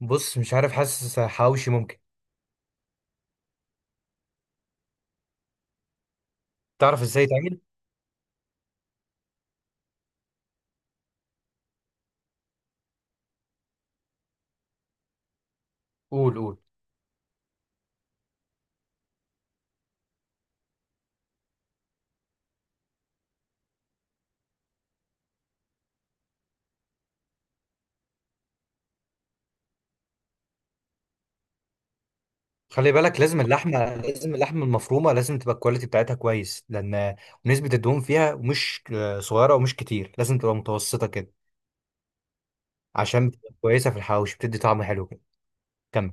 بص مش عارف، حاسس حواوشي ممكن تعرف ازاي تعمل. قول قول. خلي بالك، لازم اللحمه، لازم اللحمه المفرومه لازم تبقى الكواليتي بتاعتها كويس، لان نسبه الدهون فيها مش صغيره ومش كتير، لازم تبقى متوسطه كده، عشان بتبقى كويسه في الحواوشي، بتدي طعم حلو كده. كمل.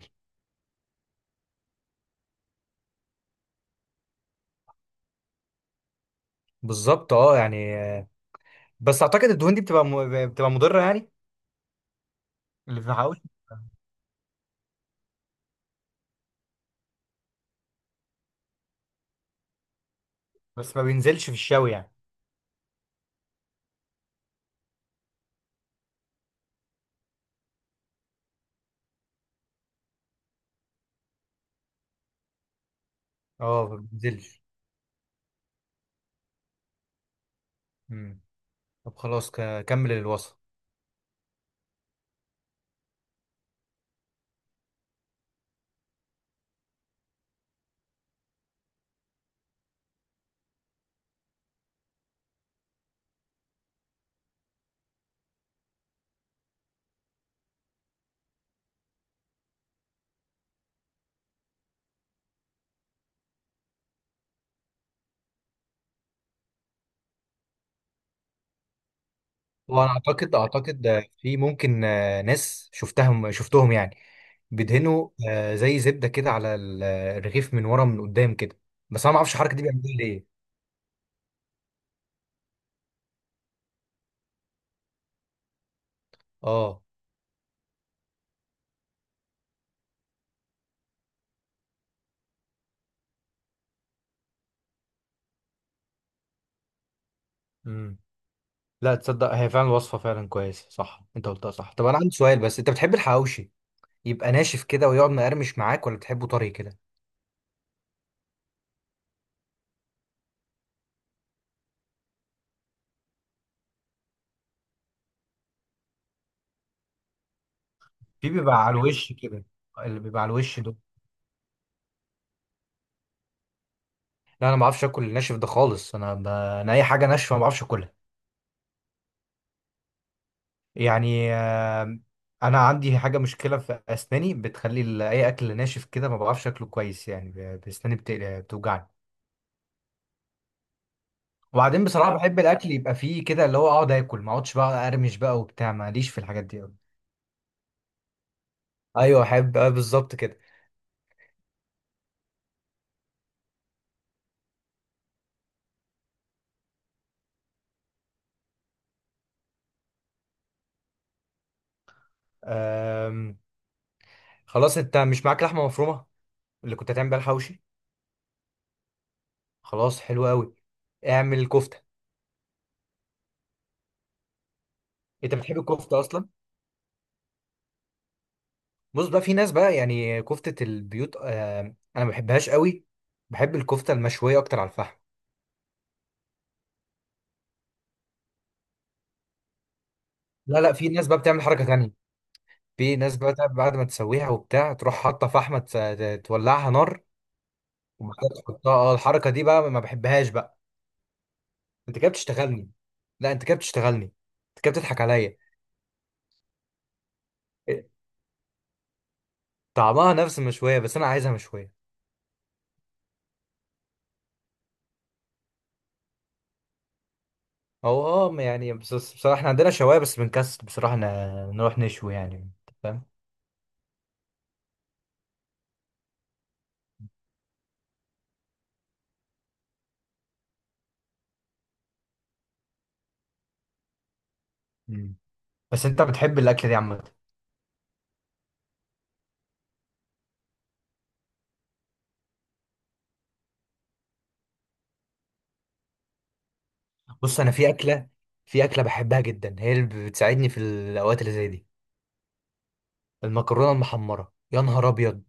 بالظبط اه، يعني. بس اعتقد الدهون دي بتبقى مضره يعني، اللي في الحواوشي، بس ما بينزلش في الشوي يعني. اه ما بينزلش. مم. طب خلاص، كمل الوصف. وانا اعتقد، في ممكن ناس، شفتهم يعني بيدهنوا زي زبده كده على الرغيف من ورا من قدام كده، بس انا ما اعرفش الحركه دي بيعملوها ليه. اه. امم. لا تصدق، هي فعلا وصفه فعلا كويسه صح، انت قلتها صح. طب انا عندي سؤال، بس انت بتحب الحواوشي يبقى ناشف كده ويقعد مقرمش معاك، ولا بتحبه طري كده؟ في بيبقى على الوش كده، اللي بيبقى على الوش ده. لا انا ما بعرفش اكل الناشف ده خالص، انا انا اي حاجه ناشفه ما بعرفش اكلها. يعني انا عندي حاجه، مشكله في اسناني، بتخلي اي اكل ناشف كده ما بعرفش اكله كويس، يعني بسناني بتوجعني. وبعدين بصراحه بحب الاكل يبقى فيه كده، اللي هو اقعد اكل، ما اقعدش بقى ارمش بقى وبتاع، ماليش في الحاجات دي قوي. ايوه احب بالظبط كده. آم، خلاص، انت مش معاك لحمه مفرومه اللي كنت هتعمل بيها الحوشي؟ خلاص، حلو قوي. اعمل كفته. انت بتحب الكفته اصلا؟ بص بقى، في ناس بقى، يعني كفته البيوت، انا ما بحبهاش قوي. بحب الكفته المشويه اكتر على الفحم. لا لا، في ناس بقى بتعمل حركة تانية. في ناس بقى بعد ما تسويها وبتاع، تروح حاطة فحمة تولعها نار وبعدها تحطها. اه الحركة دي بقى ما بحبهاش بقى. انت كده بتشتغلني. لا، انت كده بتشتغلني. انت كده بتضحك عليا. إيه، طعمها نفس المشوية، بس انا عايزها مشوية. هو اه يعني، بس بصراحة احنا عندنا شواية، بس بنكسل بصراحة نروح نشوي، يعني انت فاهم. مم. بس انت بتحب الأكلة دي عامة؟ بص انا في أكلة، في أكلة بحبها جدا، هي اللي بتساعدني في الأوقات اللي زي دي. المكرونة المحمرة، يا نهار أبيض.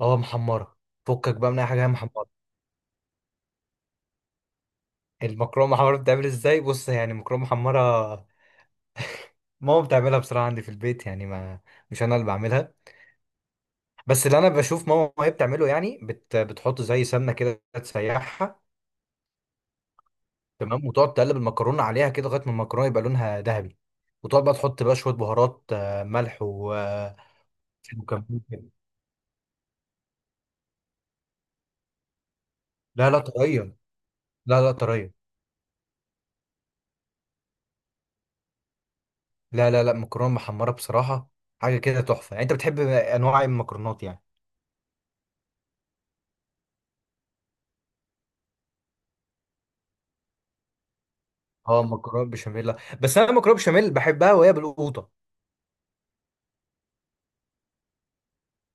اه محمرة. فكك بقى من اي حاجة، هي محمرة. المكرونة محمرة بتتعمل ازاي؟ بص يعني المكرونة محمرة، ماما بتعملها بصراحة، عندي في البيت يعني، ما مش انا اللي بعملها، بس اللي انا بشوف ماما وهي بتعمله يعني، بتحط زي سمنة كده تسيحها. تمام، وتقعد تقلب المكرونة عليها كده لغاية ما المكرونة يبقى لونها ذهبي. وتقعد بقى تحط بقى شوية بهارات، ملح و وكمون كده. لا لا طرية. لا لا طرية. لا لا لا، مكرونة محمرة بصراحة حاجة كده تحفة. يعني انت بتحب انواع المكرونات يعني؟ اه مكرونه بشاميل، لا. بس انا مكرونه بشاميل بحبها وهي بالقوطه.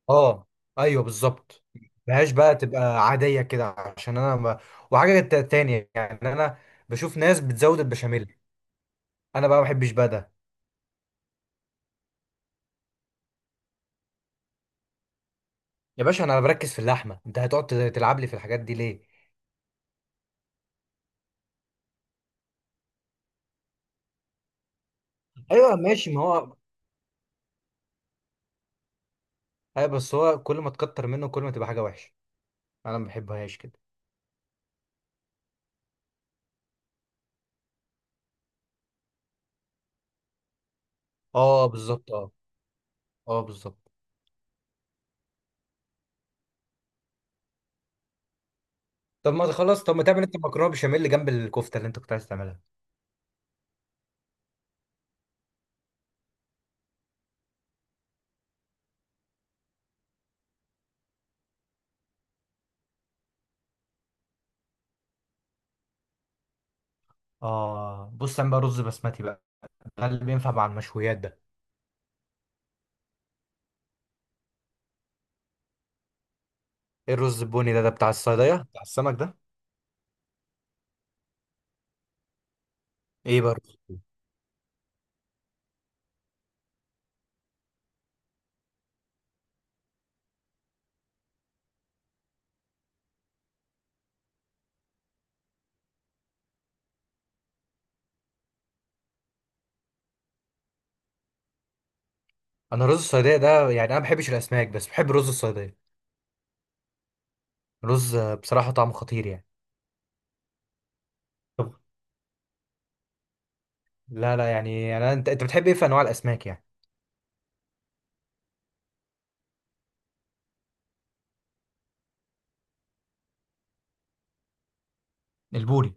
اه. ايوه بالظبط. مبهاش بقى، تبقى عاديه كده، عشان انا ما... وحاجه تانية يعني، انا بشوف ناس بتزود البشاميل، انا بقى ما بحبش بقى ده. يا باشا انا بركز في اللحمه، انت هتقعد تلعب لي في الحاجات دي ليه؟ ايوه ماشي، ما هو ايوه، بس هو كل ما تكتر منه كل ما تبقى حاجه وحشه، انا ما بحبهاش كده. اه بالظبط اه. اه بالظبط. طب ما تخلص، طب ما تعمل انت مكرونه بشاميل جنب الكفته اللي انت كنت عايز تعملها. اه بص، اعمل بقى رز بسمتي بقى، ده اللي بينفع مع المشويات ده. ايه الرز البني ده؟ ده بتاع الصيدية، بتاع السمك ده؟ ايه بقى الرز البني؟ انا رز الصيدية ده يعني، انا ما بحبش الاسماك، بس بحب رز الصيدية. رز بصراحة طعمه خطير يعني. طب، لا لا يعني، انت انت بتحب ايه في انواع الاسماك يعني؟ البوري.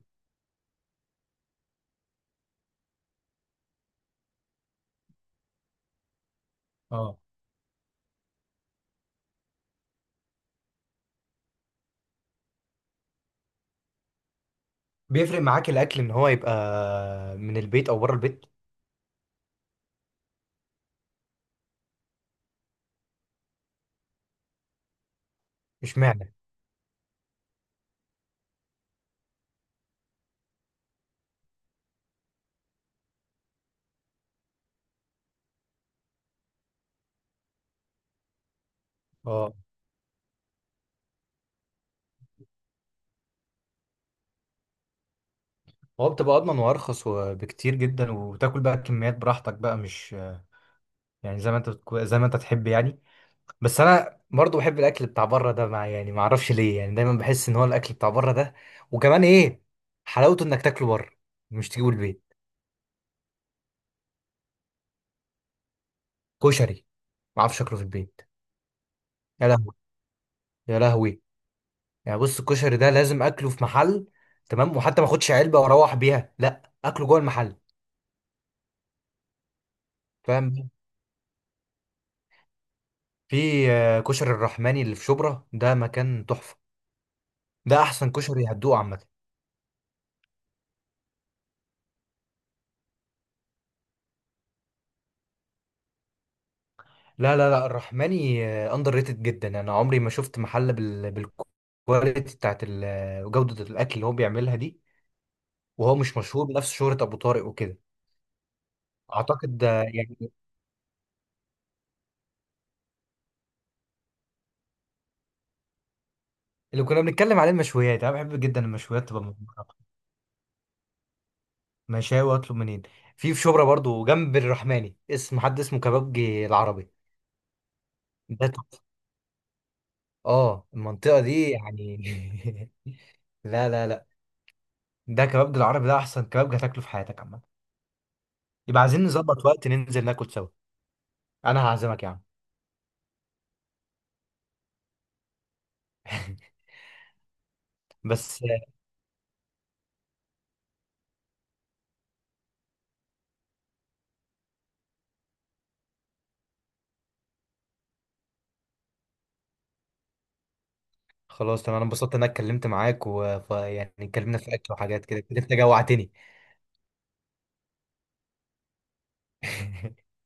اه بيفرق معاك الاكل ان هو يبقى من البيت او بره البيت؟ اشمعنى؟ اه هو بتبقى اضمن وارخص وبكتير جدا، وتاكل بقى كميات براحتك بقى، مش يعني زي ما انت زي ما انت تحب يعني. بس انا برضو بحب الاكل بتاع بره ده، مع يعني ما اعرفش ليه، يعني دايما بحس ان هو الاكل بتاع بره ده، وكمان ايه، حلاوته انك تاكله بره، مش تجيبه البيت. كشري، ما اعرفش اكله في البيت. يا لهوي. يا لهوي. يعني بص الكشري ده لازم اكله في محل، تمام، وحتى ما اخدش علبه واروح بيها، لا اكله جوه المحل، فاهم. في كشري الرحماني اللي في شبرا، ده مكان تحفه. ده احسن كشري هتدوقه عامه. لا لا لا، الرحماني اندر ريتد جدا، انا عمري ما شفت محل بالكواليتي بتاعت جودة الاكل اللي هو بيعملها دي. وهو مش مشهور بنفس شهرة ابو طارق وكده. اعتقد ده يعني اللي كنا بنتكلم عليه، المشويات، انا بحب جدا المشويات تبقى مغمرة. مشاوي اطلب منين؟ في شبرا برضو جنب الرحماني، اسم حد اسمه كبابجي العربي، ده تحفة. اه المنطقة دي يعني. لا لا لا، ده كبابجي العربي ده احسن كبابجي هتاكله في حياتك عامة. يبقى عايزين نظبط وقت ننزل ناكل سوا، انا هعزمك يا عم. بس خلاص تمام، انا انبسطت ان انا اتكلمت معاك، ويعني اتكلمنا في اكل وحاجات كده كده، انت جوعتني.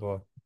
باي.